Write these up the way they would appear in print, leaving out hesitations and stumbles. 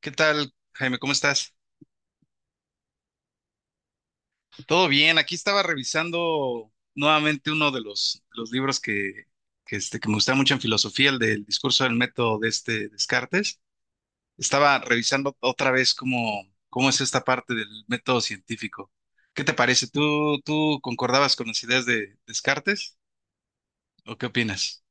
¿Qué tal, Jaime? ¿Cómo estás? Todo bien. Aquí estaba revisando nuevamente uno de los libros que me gusta mucho en filosofía, el del discurso del método de este Descartes. Estaba revisando otra vez cómo, cómo es esta parte del método científico. ¿Qué te parece? ¿Tú concordabas con las ideas de Descartes? ¿O qué opinas?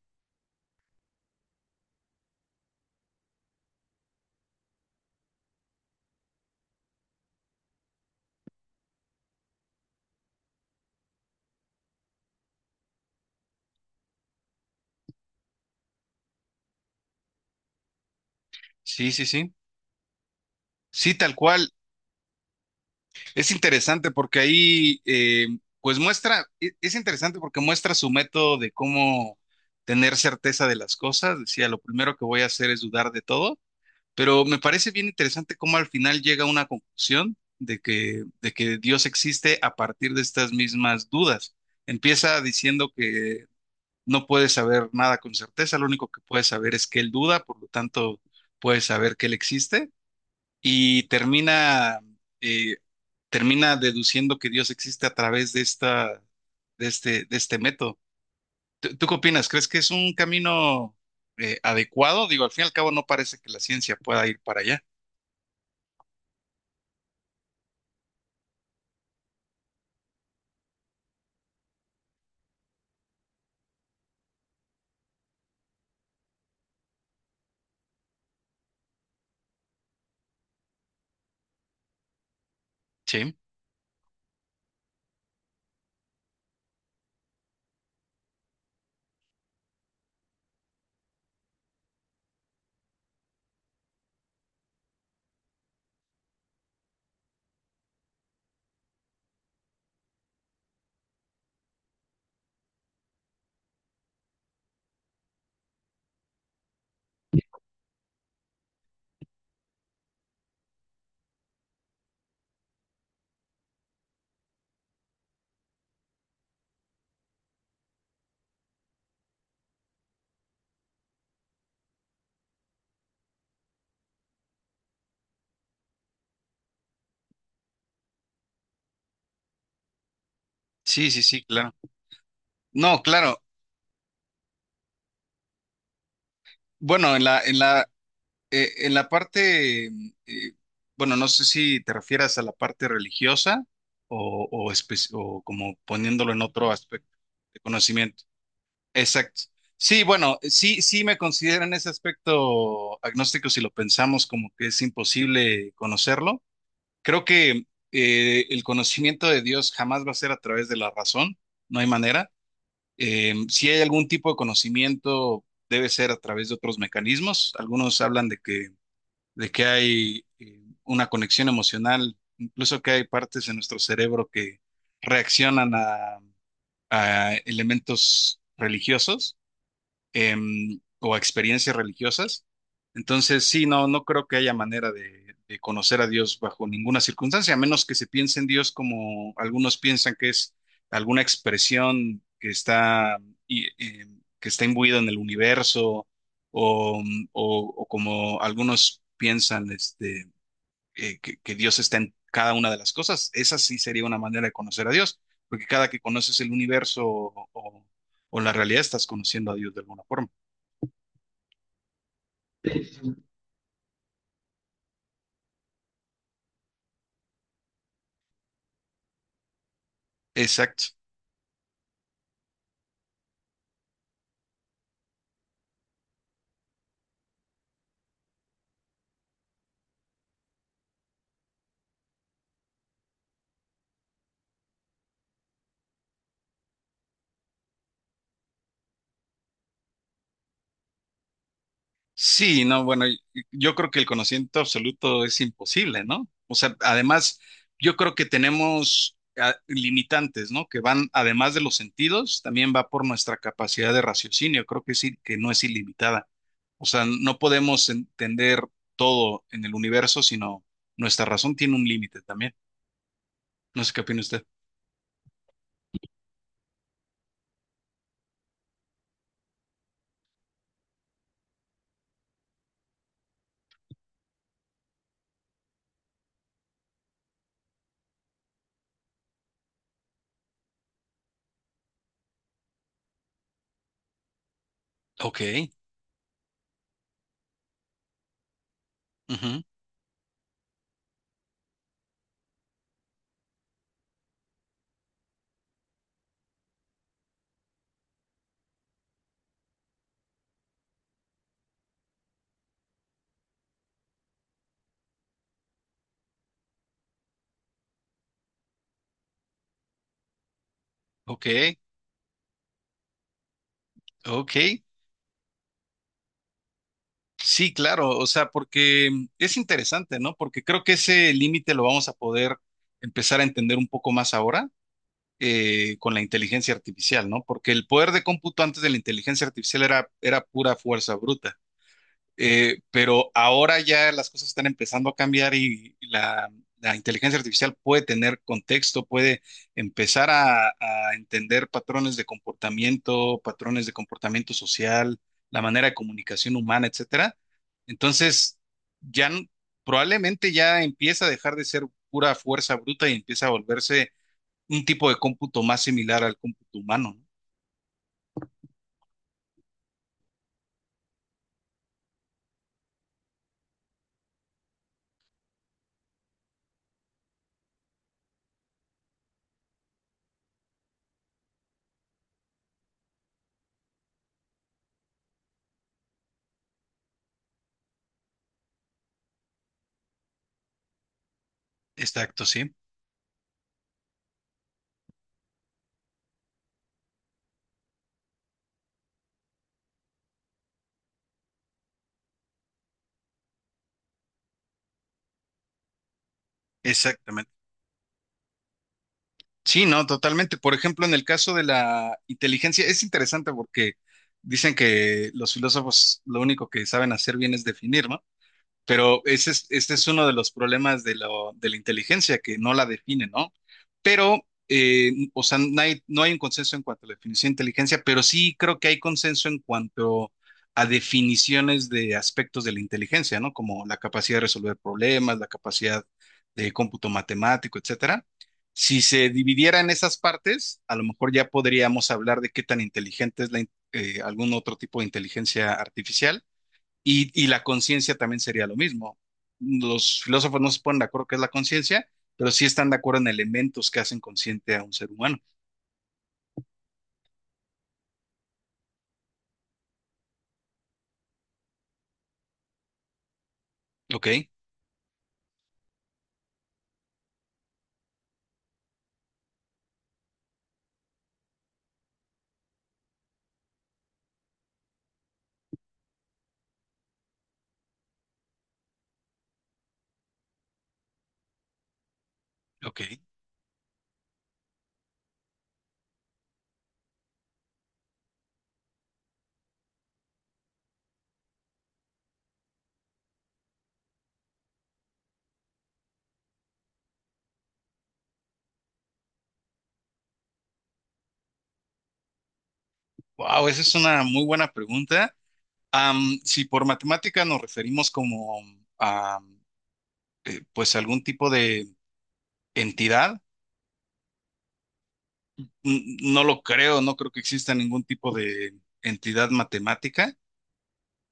Sí, sí, sí. Sí, tal cual. Es interesante porque ahí, pues muestra, es interesante porque muestra su método de cómo tener certeza de las cosas. Decía, lo primero que voy a hacer es dudar de todo, pero me parece bien interesante cómo al final llega a una conclusión de que Dios existe a partir de estas mismas dudas. Empieza diciendo que no puedes saber nada con certeza, lo único que puedes saber es que Él duda, por lo tanto, puedes saber que Él existe y termina, eh, termina deduciendo que Dios existe a través de esta, de este método. ¿Tú qué opinas? ¿Crees que es un camino adecuado? Digo, al fin y al cabo no parece que la ciencia pueda ir para allá. Sí, sí, sí, sí, claro. No, claro. Bueno, en la parte, eh, bueno, no sé si te refieras a la parte religiosa o, o como poniéndolo en otro aspecto de conocimiento. Exacto. Sí, bueno, sí, sí me considero en ese aspecto agnóstico si lo pensamos como que es imposible conocerlo. Creo que el conocimiento de Dios jamás va a ser a través de la razón, no hay manera. Si hay algún tipo de conocimiento, debe ser a través de otros mecanismos. Algunos hablan de que hay una conexión emocional, incluso que hay partes en nuestro cerebro que reaccionan a elementos religiosos o a experiencias religiosas. Entonces, sí, no creo que haya manera de conocer a Dios bajo ninguna circunstancia, a menos que se piense en Dios como algunos piensan que es alguna expresión que está, y, eh, que está imbuida en el universo, o, o como algunos piensan este, que Dios está en cada una de las cosas. Esa sí sería una manera de conocer a Dios, porque cada que conoces el universo o, o la realidad estás conociendo a Dios de alguna forma. Exacto. Sí, no, bueno, yo creo que el conocimiento absoluto es imposible, ¿no? O sea, además, yo creo que tenemos limitantes, ¿no? Que van, además de los sentidos, también va por nuestra capacidad de raciocinio. Creo que sí, que no es ilimitada. O sea, no podemos entender todo en el universo, sino nuestra razón tiene un límite también. No sé qué opina usted. Ok, ujú, ok, ok. Sí, claro, o sea, porque es interesante, ¿no? Porque creo que ese límite lo vamos a poder empezar a entender un poco más ahora con la inteligencia artificial, ¿no? Porque el poder de cómputo antes de la inteligencia artificial era, era pura fuerza bruta. Pero ahora ya las cosas están empezando a cambiar y la inteligencia artificial puede tener contexto, puede empezar a entender patrones de comportamiento social, la manera de comunicación humana, etcétera. Entonces, ya n- probablemente ya empieza a dejar de ser pura fuerza bruta y empieza a volverse un tipo de cómputo más similar al cómputo humano, ¿no? Exacto, sí. Exactamente. Sí, no, totalmente. Por ejemplo, en el caso de la inteligencia, es interesante porque dicen que los filósofos lo único que saben hacer bien es definir, ¿no? Pero ese es, este es uno de los problemas de, de la inteligencia, que no la define, ¿no? Pero, o sea, no hay, no hay un consenso en cuanto a la definición de inteligencia, pero sí creo que hay consenso en cuanto a definiciones de aspectos de la inteligencia, ¿no? Como la capacidad de resolver problemas, la capacidad de cómputo matemático, etcétera. Si se dividiera en esas partes, a lo mejor ya podríamos hablar de qué tan inteligente es algún otro tipo de inteligencia artificial y la conciencia también sería lo mismo. Los filósofos no se ponen de acuerdo qué es la conciencia, pero sí están de acuerdo en elementos que hacen consciente a un ser humano. Ok, ok. Wow, esa es una muy buena pregunta. Am, si por matemática nos referimos como a pues algún tipo de entidad, no lo creo, no creo que exista ningún tipo de entidad matemática,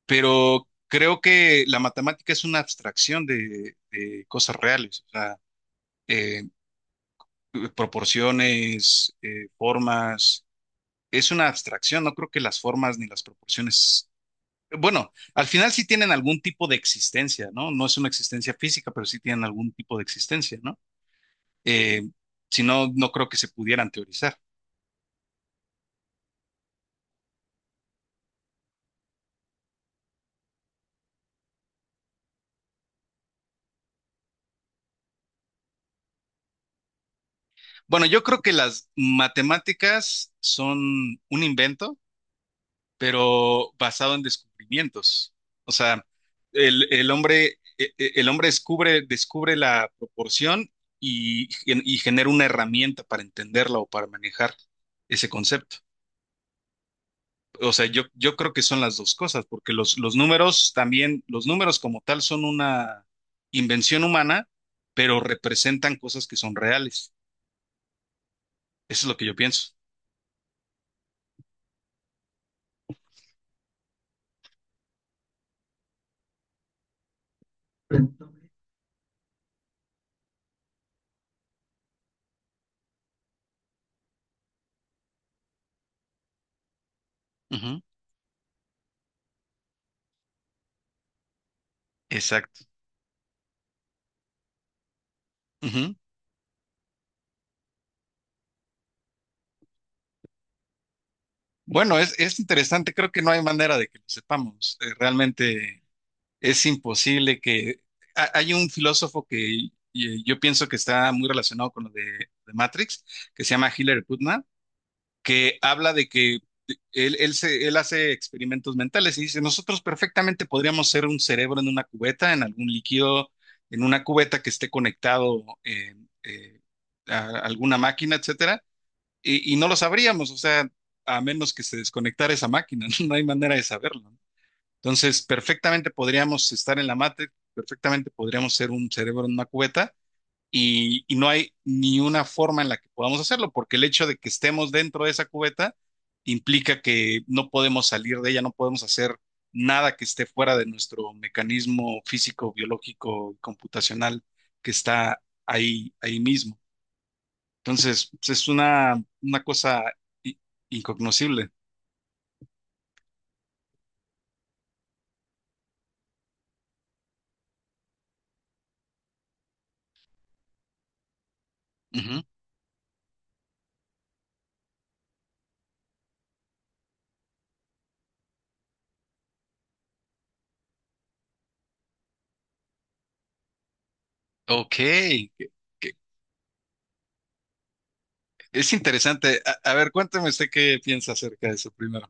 pero creo que la matemática es una abstracción de cosas reales. O sea, eh, proporciones, formas. Es una abstracción, no creo que las formas ni las proporciones. Bueno, al final sí tienen algún tipo de existencia, ¿no? No es una existencia física, pero sí tienen algún tipo de existencia, ¿no? Eh, si no, no creo que se pudieran teorizar. Bueno, yo creo que las matemáticas son un invento pero basado en descubrimientos. O sea, el hombre descubre, descubre la proporción y genera una herramienta para entenderla o para manejar ese concepto. O sea, yo creo que son las dos cosas, porque los números también, los números como tal son una invención humana, pero representan cosas que son reales. Eso es lo que yo pienso. Ujú, Exacto. Ujú. Bueno, es interesante, creo que no hay manera de que lo sepamos. Realmente es imposible que... Hay un filósofo que yo pienso que está muy relacionado con lo de Matrix, que se llama Hillary Putnam, que habla de que él hace experimentos mentales y dice, nosotros perfectamente podríamos ser un cerebro en una cubeta, en algún líquido, en una cubeta que esté conectado eh, a alguna máquina, etcétera y no lo sabríamos, o sea, a menos que se desconectara esa máquina, no hay manera de saberlo. ¿No? Entonces, perfectamente podríamos estar en la mate, perfectamente podríamos ser un cerebro en una cubeta y no hay ni una forma en la que podamos hacerlo, porque el hecho de que estemos dentro de esa cubeta implica que no podemos salir de ella, no podemos hacer nada que esté fuera de nuestro mecanismo físico, biológico, computacional que está ahí, ahí mismo. Entonces, pues, es una cosa i- incognoscible. Ujú. Ok, que- que- es interesante. A ver, cuéntame usted qué piensa acerca de eso primero.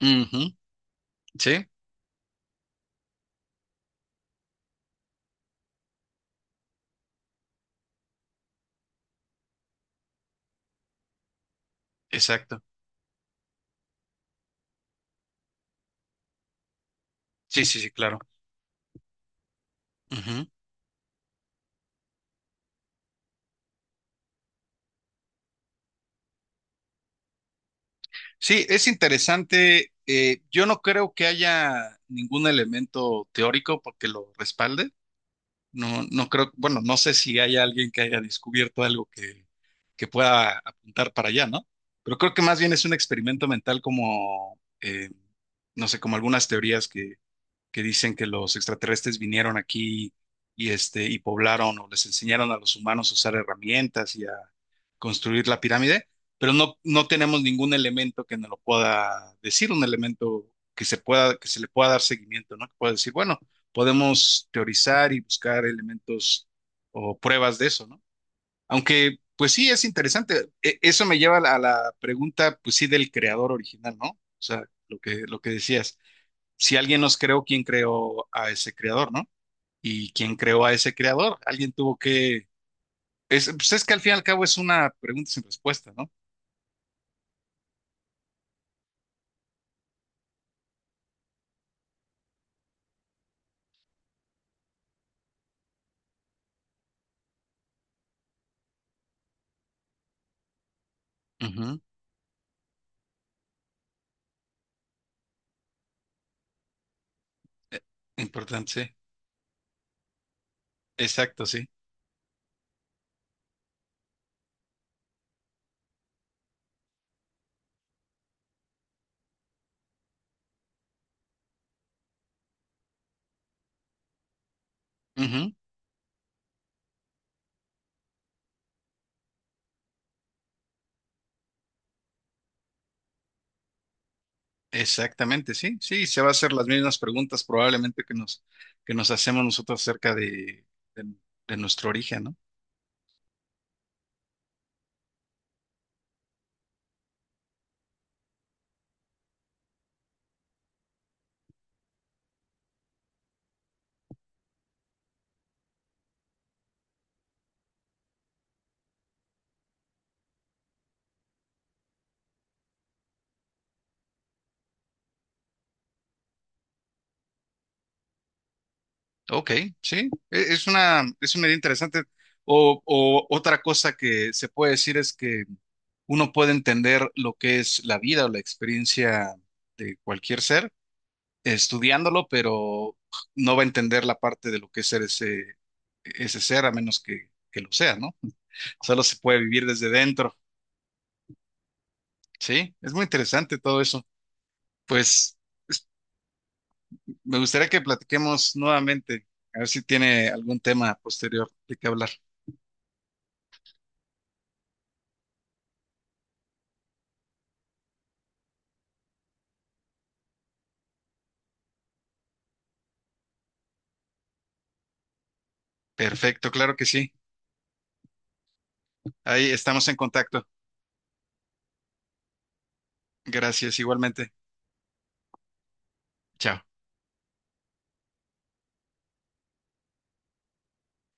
Ujú, Sí, exacto. Sí, sí, sí, claro. Ujú. Sí, es interesante. Yo no creo que haya ningún elemento teórico porque lo respalde. No, no creo, bueno, no sé si hay alguien que haya descubierto algo que pueda apuntar para allá, ¿no? Pero creo que más bien es un experimento mental como, no sé, como algunas teorías que dicen que los extraterrestres vinieron aquí y y poblaron o les enseñaron a los humanos a usar herramientas y a construir la pirámide, pero no, no tenemos ningún elemento que nos lo pueda decir, un elemento que se pueda, que se le pueda dar seguimiento, ¿no? Que pueda decir, bueno, podemos teorizar y buscar elementos o pruebas de eso, ¿no? Aunque, pues sí, es interesante. Eso me lleva a la pregunta, pues sí, del creador original, ¿no? O sea, lo que decías si alguien nos creó, ¿quién creó a ese creador, no? ¿Y quién creó a ese creador? Alguien tuvo que... Es, pues es que al fin y al cabo es una pregunta sin respuesta, ¿no? Ujú. Eh, Importante, sí. Exacto, sí. Ujú. Exactamente, sí. Sí, se va a hacer las mismas preguntas probablemente que que nos hacemos nosotros acerca de, de nuestro origen, ¿no? Ok, sí, es una idea interesante. O otra cosa que se puede decir es que uno puede entender lo que es la vida o la experiencia de cualquier ser estudiándolo, pero no va a entender la parte de lo que es ser ese, ese ser a menos que lo sea, ¿no? Solo se puede vivir desde dentro, ¿sí? Es muy interesante todo eso. Pues me gustaría que platiquemos nuevamente, a ver si tiene algún tema posterior de qué hablar. Perfecto, claro que sí. Ahí estamos en contacto. Gracias, igualmente. Chao.